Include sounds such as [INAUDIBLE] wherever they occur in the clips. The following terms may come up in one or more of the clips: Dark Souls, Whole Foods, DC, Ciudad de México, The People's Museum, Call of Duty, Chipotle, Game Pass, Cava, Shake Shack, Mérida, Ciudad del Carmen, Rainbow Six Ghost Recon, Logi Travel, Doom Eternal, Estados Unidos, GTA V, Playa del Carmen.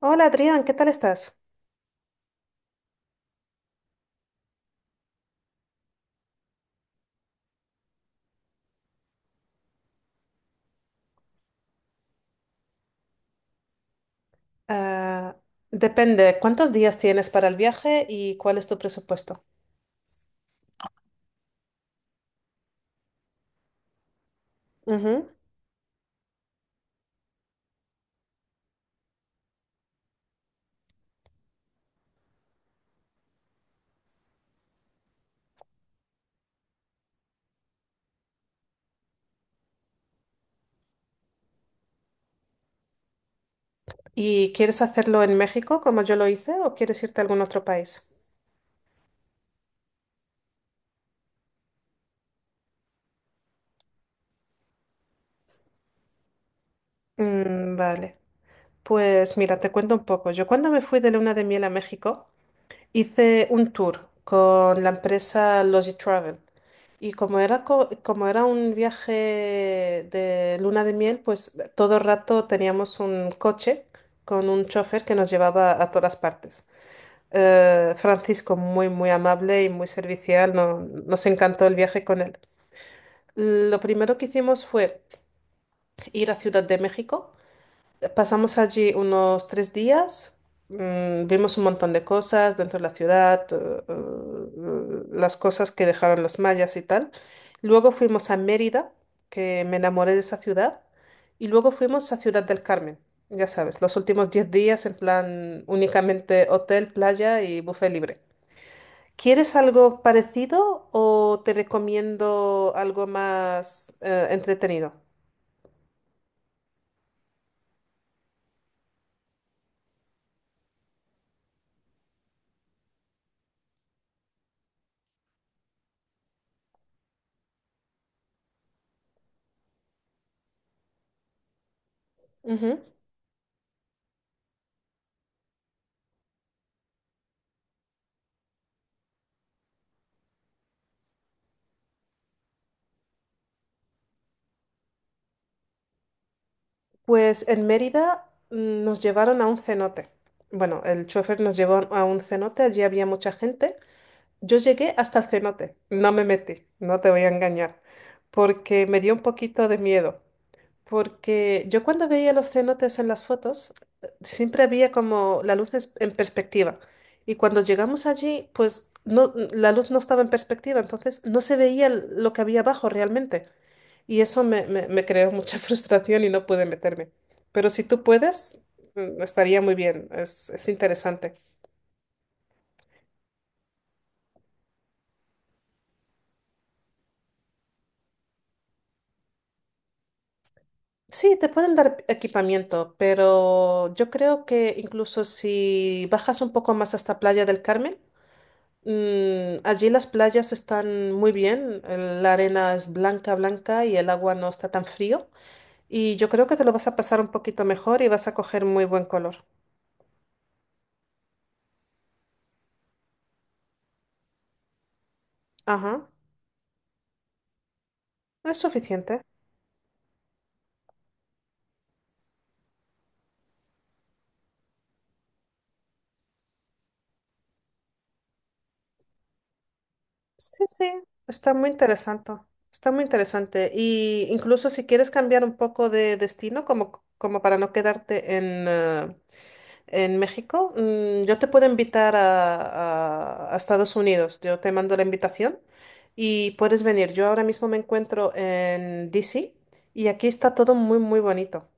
Hola Adrián, ¿qué tal estás? Ah, depende, ¿cuántos días tienes para el viaje y cuál es tu presupuesto? Ujú. ¿Y quieres hacerlo en México como yo lo hice o quieres irte a algún otro país? Mm, vale, pues mira, te cuento un poco. Yo cuando me fui de luna de miel a México, hice un tour con la empresa Logi Travel y como era, un viaje de luna de miel, pues todo el rato teníamos un coche con un chofer que nos llevaba a todas partes. Francisco, muy, muy amable y muy servicial, nos encantó el viaje con él. Lo primero que hicimos fue ir a Ciudad de México. Pasamos allí unos 3 días, vimos un montón de cosas dentro de la ciudad, las cosas que dejaron los mayas y tal. Luego fuimos a Mérida, que me enamoré de esa ciudad, y luego fuimos a Ciudad del Carmen. Ya sabes, los últimos 10 días en plan únicamente hotel, playa y buffet libre. ¿Quieres algo parecido o te recomiendo algo más entretenido? Ujú. Pues en Mérida nos llevaron a un cenote. Bueno, el chofer nos llevó a un cenote, allí había mucha gente. Yo llegué hasta el cenote, no me metí, no te voy a engañar, porque me dio un poquito de miedo. Porque yo cuando veía los cenotes en las fotos, siempre había como la luz en perspectiva. Y cuando llegamos allí, pues no, la luz no estaba en perspectiva, entonces no se veía lo que había abajo realmente. Y eso me creó mucha [LAUGHS] frustración y no pude meterme. Pero si tú puedes, estaría muy bien, es interesante. Sí, te pueden dar equipamiento, pero yo creo que incluso si bajas un poco más hasta Playa del Carmen. Allí las playas están muy bien, la arena es blanca, blanca y el agua no está tan frío. Y yo creo que te lo vas a pasar un poquito mejor y vas a coger muy buen color. Ajá, es suficiente. Sí, sí, está muy interesante. Está muy interesante. Y incluso si quieres cambiar un poco de destino, como para no quedarte en México, yo te puedo invitar a Estados Unidos. Yo te mando la invitación y puedes venir. Yo ahora mismo me encuentro en DC y aquí está todo muy, muy bonito.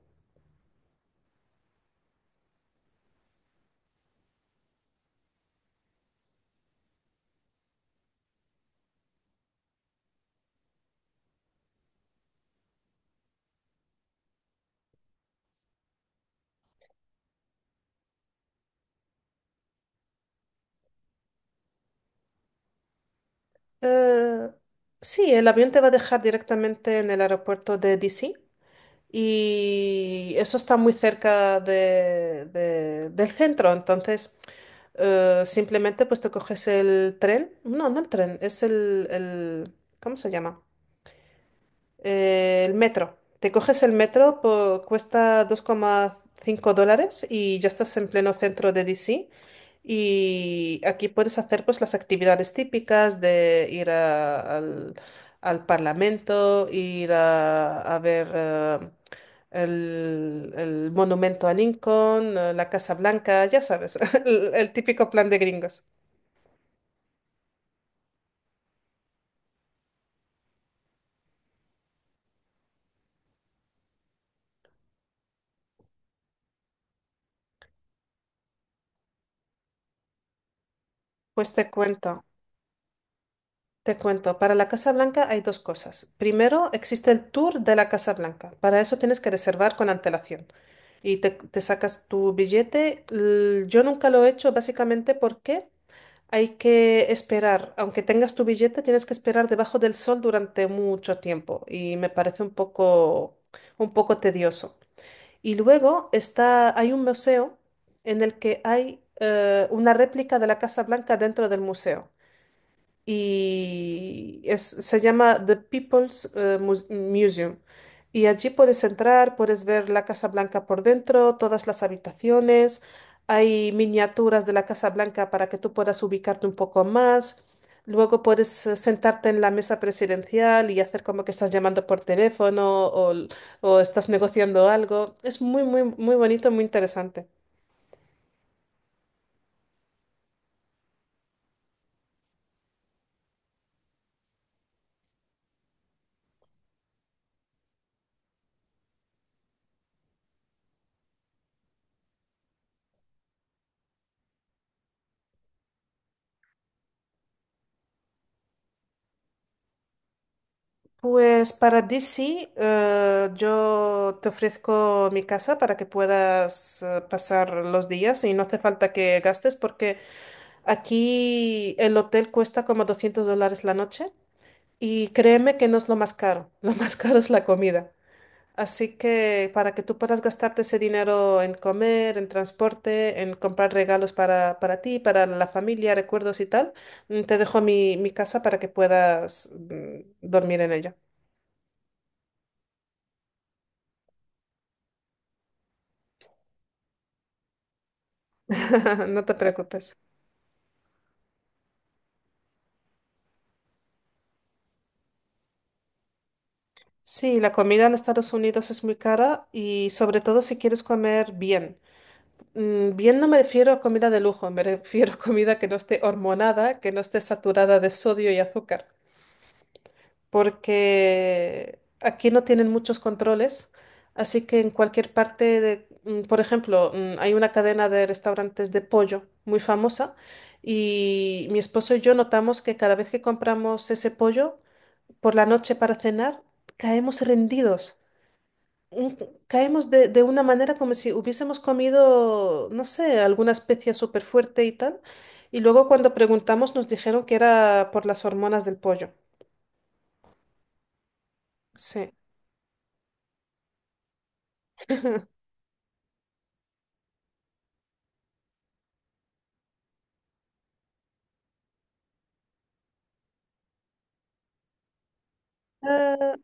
Eh, sí, el avión te va a dejar directamente en el aeropuerto de DC y eso está muy cerca del centro. Entonces, simplemente pues te coges el tren. No, no el tren, es el ¿cómo se llama? El metro. Te coges el metro, cuesta 2,5 dólares y ya estás en pleno centro de DC. Y aquí puedes hacer pues las actividades típicas de ir al Parlamento, ir a ver el monumento a Lincoln, la Casa Blanca, ya sabes, [LAUGHS] el típico plan de gringos. Pues te cuento, para la Casa Blanca hay dos cosas. Primero, existe el tour de la Casa Blanca. Para eso tienes que reservar con antelación y te sacas tu billete. Yo nunca lo he hecho básicamente porque hay que esperar. Aunque tengas tu billete, tienes que esperar debajo del sol durante mucho tiempo y me parece un poco tedioso. Y luego está, hay un museo en el que hay una réplica de la Casa Blanca dentro del museo y se llama The People's Museum. Y allí puedes entrar, puedes ver la Casa Blanca por dentro, todas las habitaciones, hay miniaturas de la Casa Blanca para que tú puedas ubicarte un poco más. Luego puedes sentarte en la mesa presidencial y hacer como que estás llamando por teléfono o estás negociando algo. Es muy, muy, muy bonito, muy interesante. Pues para DC, yo te ofrezco mi casa para que puedas pasar los días y no hace falta que gastes porque aquí el hotel cuesta como $200 la noche y créeme que no es lo más caro, [LAUGHS] lo más caro es la comida. Así que para que tú puedas gastarte ese dinero en comer, en transporte, en comprar regalos para ti, para la familia, recuerdos y tal, te dejo mi casa para que puedas dormir en ella. [LAUGHS] No te preocupes. Sí, la comida en Estados Unidos es muy cara y sobre todo si quieres comer bien. Bien no me refiero a comida de lujo, me refiero a comida que no esté hormonada, que no esté saturada de sodio y azúcar, porque aquí no tienen muchos controles, así que en cualquier parte de, por ejemplo, hay una cadena de restaurantes de pollo muy famosa y mi esposo y yo notamos que cada vez que compramos ese pollo, por la noche para cenar, caemos rendidos. Un- Caemos de una manera como si hubiésemos comido, no sé, alguna especia súper fuerte y tal. Y luego cuando preguntamos nos dijeron que era por las hormonas del pollo. Sí. Eh,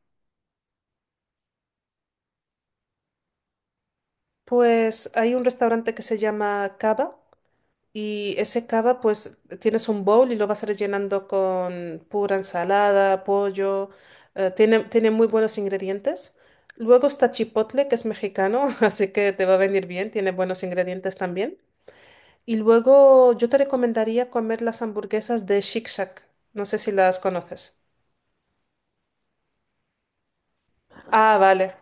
pues hay un restaurante que se llama Cava. Y ese cava, pues tienes un bowl y lo vas rellenando con pura ensalada, pollo. Tiene muy buenos ingredientes. Luego está chipotle, que es mexicano, [LAUGHS] así que te va a venir bien, tiene buenos ingredientes también. Y luego yo te recomendaría comer las hamburguesas de Shake Shack. No sé si las conoces. Ah, vale.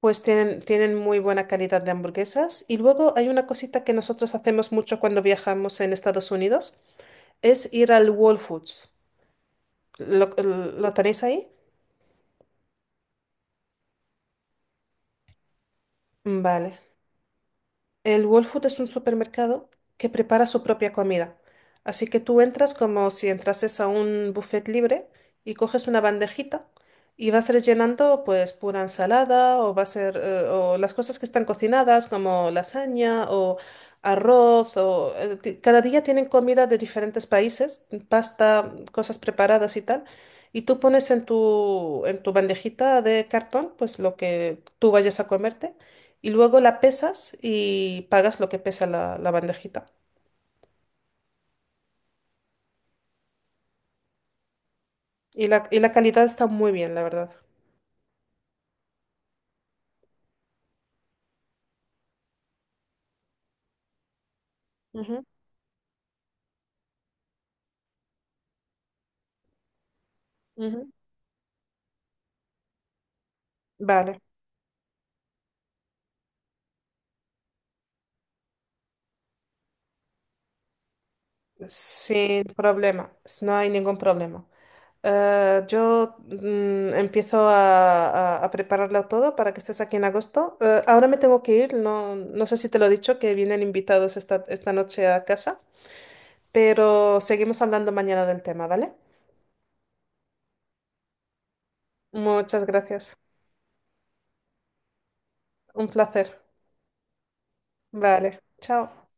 Pues tienen muy buena calidad de hamburguesas. Y luego hay una cosita que nosotros hacemos mucho cuando viajamos en Estados Unidos, es ir al Whole Foods. ¿Lo, lo tenéis ahí? Vale. El Whole Food es un supermercado que prepara su propia comida. Así que tú entras como si entrases a un buffet libre y coges una bandejita y vas rellenando pues pura ensalada o va a ser o las cosas que están cocinadas como lasaña o arroz o cada día tienen comida de diferentes países, pasta, cosas preparadas y tal. Y tú pones en tu bandejita de cartón pues lo que tú vayas a comerte y luego la pesas y pagas lo que pesa la bandejita. Y la calidad está muy bien, la verdad. Ujú, ujú. Vale, sin problema, no hay ningún problema. Yo empiezo a prepararlo todo para que estés aquí en agosto. Ahora me tengo que ir, no, no sé si te lo he dicho, que vienen invitados esta noche a casa, pero seguimos hablando mañana del tema, ¿vale? Muchas gracias, un placer. Vale, chao.